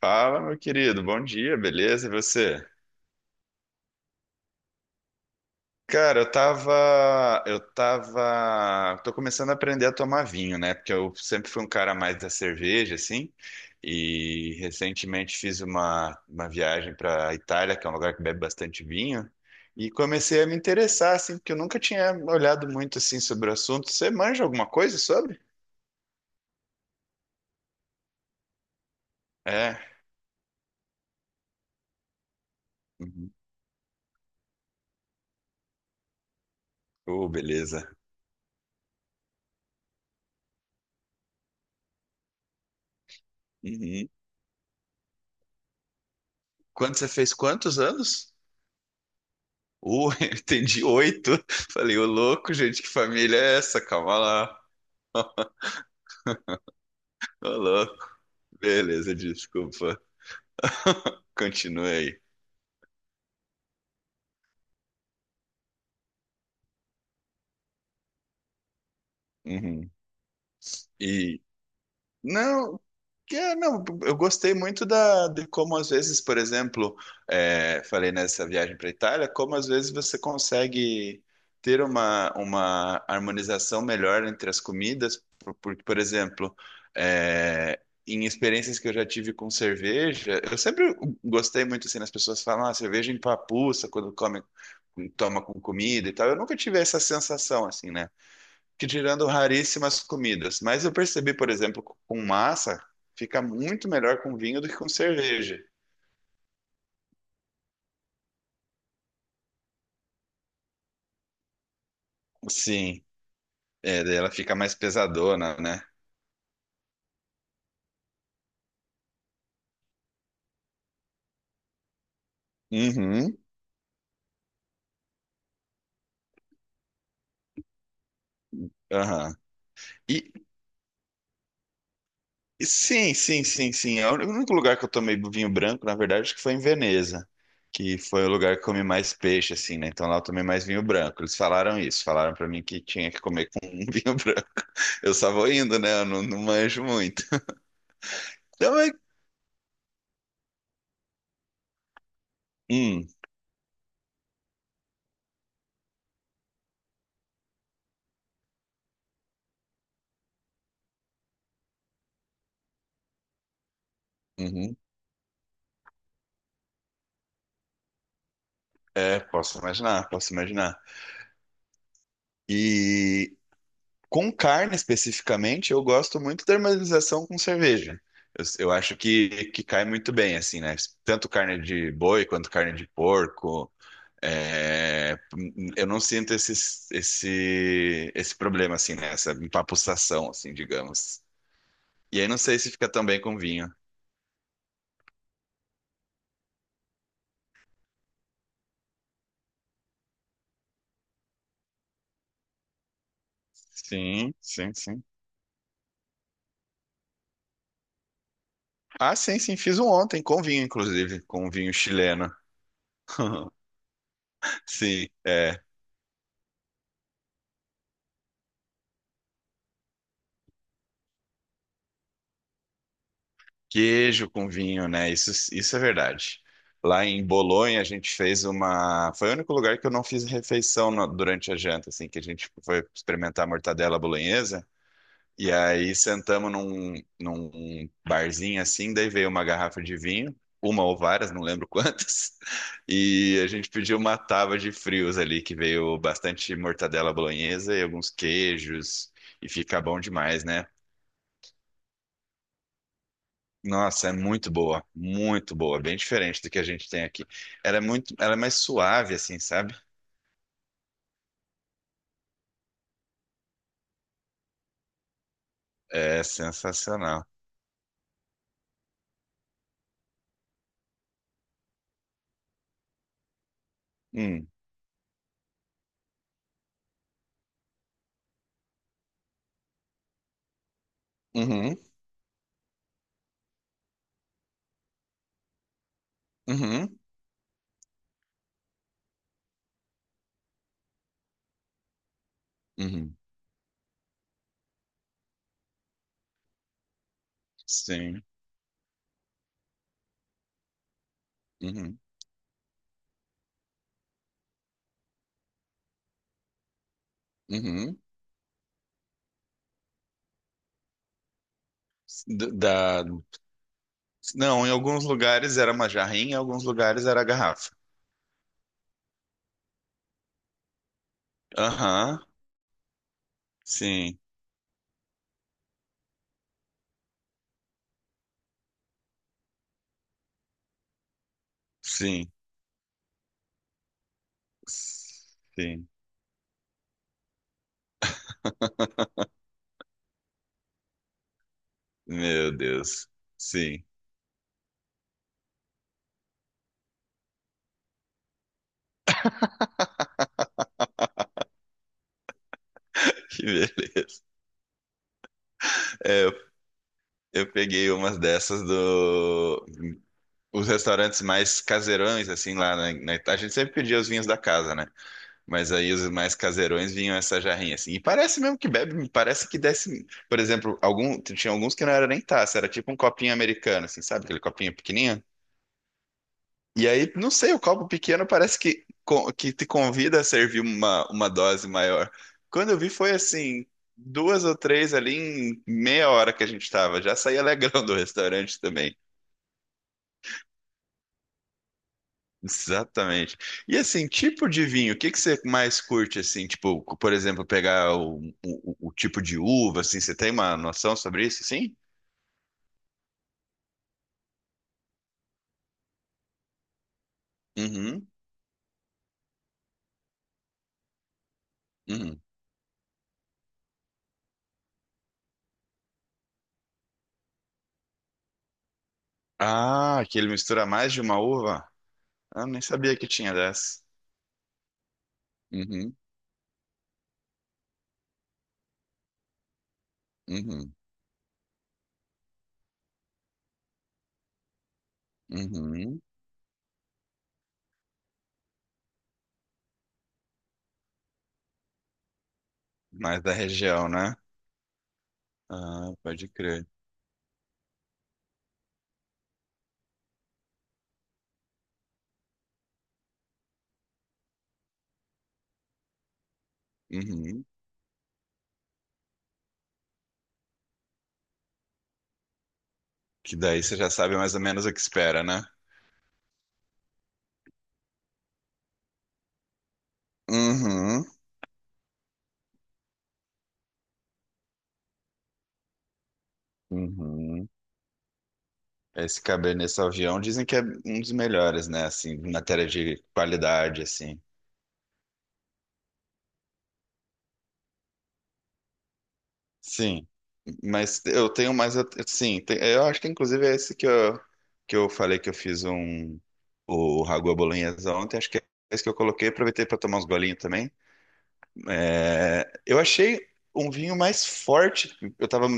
Fala, meu querido. Bom dia, beleza? E você? Cara, tô começando a aprender a tomar vinho, né? Porque eu sempre fui um cara mais da cerveja, assim. E recentemente fiz uma viagem para Itália, que é um lugar que bebe bastante vinho, e comecei a me interessar, assim, porque eu nunca tinha olhado muito assim sobre o assunto. Você manja alguma coisa sobre? É. Uhum. Oh, beleza. Uhum. Quando você fez quantos anos? Eu entendi oito. Falei, ô louco, gente, que família é essa? Calma lá. Ô louco. Beleza, desculpa. Continue aí. Uhum. E. Não, que é, não, eu gostei muito de como às vezes, por exemplo, é, falei nessa viagem para a Itália, como às vezes você consegue ter uma harmonização melhor entre as comidas, por exemplo, é, em experiências que eu já tive com cerveja, eu sempre gostei muito assim, as pessoas falam, ah, cerveja empapuça quando come, toma com comida e tal. Eu nunca tive essa sensação assim, né? Que tirando raríssimas comidas. Mas eu percebi, por exemplo, com massa, fica muito melhor com vinho do que com cerveja. Sim, é, daí ela fica mais pesadona, né? Uhum, aham. E e sim, sim, sim, sim. É o único lugar que eu tomei vinho branco, na verdade, acho que foi em Veneza, que foi o lugar que comi mais peixe, assim, né? Então lá eu tomei mais vinho branco. Eles falaram isso, falaram pra mim que tinha que comer com vinho branco. Eu só vou indo, né? Eu não, não manjo muito. Então, hum, uhum. É, posso imaginar, posso imaginar. E com carne especificamente, eu gosto muito da harmonização com cerveja. Eu acho que cai muito bem, assim, né? Tanto carne de boi quanto carne de porco. É, eu não sinto esse problema, assim, né? Essa empapuçação, assim, digamos. E aí não sei se fica tão bem com vinho. Sim, sim, sim. Ah, sim, sim, fiz um ontem com vinho, inclusive, com um vinho chileno. Sim. É. Queijo com vinho, né? Isso é verdade. Lá em Bolonha, a gente fez uma. Foi o único lugar que eu não fiz refeição durante a janta, assim, que a gente foi experimentar a mortadela bolonhesa. E aí sentamos num barzinho assim, daí veio uma garrafa de vinho, uma ou várias, não lembro quantas. E a gente pediu uma tábua de frios ali, que veio bastante mortadela bolonhesa e alguns queijos. E fica bom demais, né? Nossa, é muito boa, bem diferente do que a gente tem aqui. Ela é muito, ela é mais suave, assim, sabe? É sensacional. Hum, uhum, uhum, uhum, sim, uhum, uhum. Da, não, em alguns lugares era uma jarrinha, em alguns lugares era garrafa. Aham, sim, sim, sim. Meu Deus, sim. Que beleza. É, eu peguei umas dessas do os restaurantes mais caseirões, assim, lá na Itália, a gente sempre pedia os vinhos da casa, né? Mas aí os mais caseirões vinham essa jarrinha, assim. E parece mesmo que bebe, parece que desce, por exemplo, algum, tinha alguns que não era nem taça, era tipo um copinho americano, assim, sabe? Aquele copinho pequenininho. E aí, não sei, o copo pequeno parece que, que te convida a servir uma dose maior. Quando eu vi, foi assim, duas ou três ali em meia hora que a gente tava. Já saí alegrão do restaurante também. Exatamente. E assim, tipo de vinho, o que que você mais curte assim? Tipo, por exemplo, pegar o tipo de uva, assim, você tem uma noção sobre isso, assim? Uhum, uhum. Ah, que ele mistura mais de uma uva? Ah, nem sabia que tinha dessa. Uhum, uhum, uhum. Mais da região, né? Ah, pode crer. Uhum. Que daí você já sabe mais ou menos o que espera, né? Uhum, uhum. Esse Cabernet Sauvignon dizem que é um dos melhores, né? Assim, em matéria de qualidade, assim. Sim, mas eu tenho mais. Sim, eu acho que inclusive é esse que eu falei que eu fiz um. O Ragu à Bolonhesa ontem, acho que é esse que eu coloquei. Aproveitei para tomar uns golinhos também. É, eu achei um vinho mais forte. Eu tava,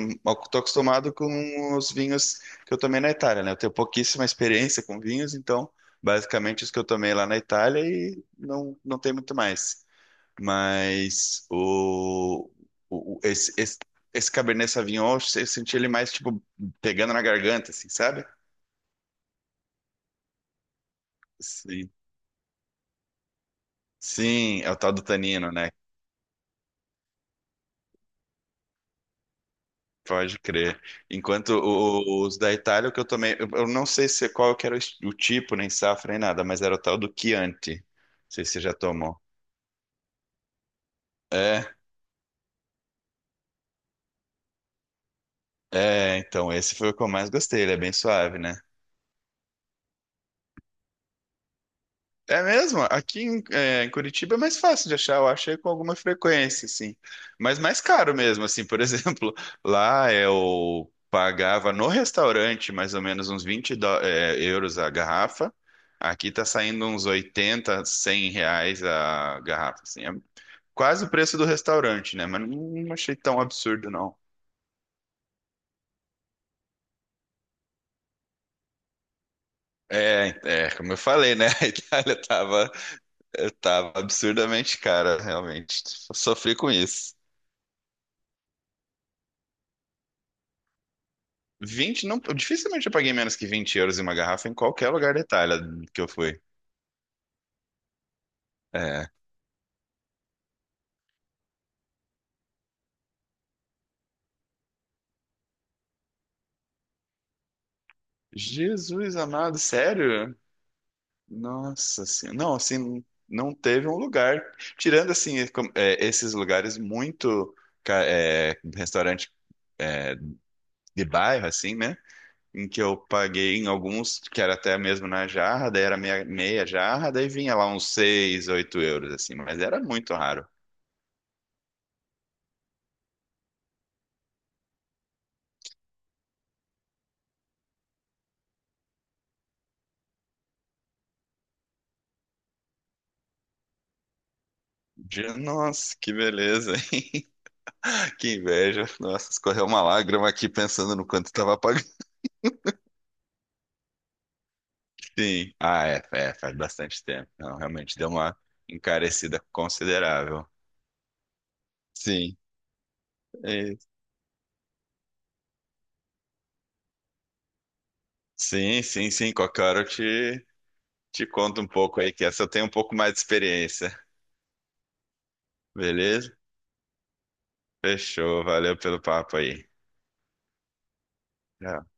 tô acostumado com os vinhos que eu tomei na Itália, né? Eu tenho pouquíssima experiência com vinhos, então basicamente os que eu tomei lá na Itália e não, não tem muito mais. Mas o- o- esse, esse, esse Cabernet Sauvignon, eu senti ele mais tipo pegando na garganta, assim, sabe? Sim. Sim, é o tal do tanino, né? Pode crer. Enquanto os da Itália, o que eu tomei, eu não sei se qual que era o tipo, nem safra, nem nada, mas era o tal do Chianti. Não sei se você já tomou. É, é, então esse foi o que eu mais gostei, ele é bem suave, né? É mesmo? Aqui em Curitiba é mais fácil de achar, eu achei com alguma frequência, assim. Mas mais caro mesmo, assim. Por exemplo, lá eu pagava no restaurante mais ou menos uns 20 euros a garrafa. Aqui tá saindo uns 80, R$ 100 a garrafa, assim. É quase o preço do restaurante, né? Mas não não achei tão absurdo, não. É, é, como eu falei, né? A Itália tava absurdamente cara, realmente. Sofri com isso. Vinte não, eu dificilmente eu paguei menos que € 20 em uma garrafa em qualquer lugar da Itália que eu fui. É. Jesus amado, sério? Nossa senhora. Não, assim, não teve um lugar. Tirando, assim, esses lugares muito. Restaurante é, de bairro, assim, né? Em que eu paguei em alguns que era até mesmo na jarra, daí era meia jarra, daí vinha lá uns 6 8 euros, assim, mas era muito raro. Nossa, que beleza, hein? Que inveja. Nossa, escorreu uma lágrima aqui pensando no quanto estava pagando. Sim. Ah, é, é, faz bastante tempo. Não, realmente deu uma encarecida considerável. Sim. É, sim, sim, sim. Qualquer hora eu te conto um pouco aí, que essa eu tenho um pouco mais de experiência. Beleza? Fechou. Valeu pelo papo aí. Tchau.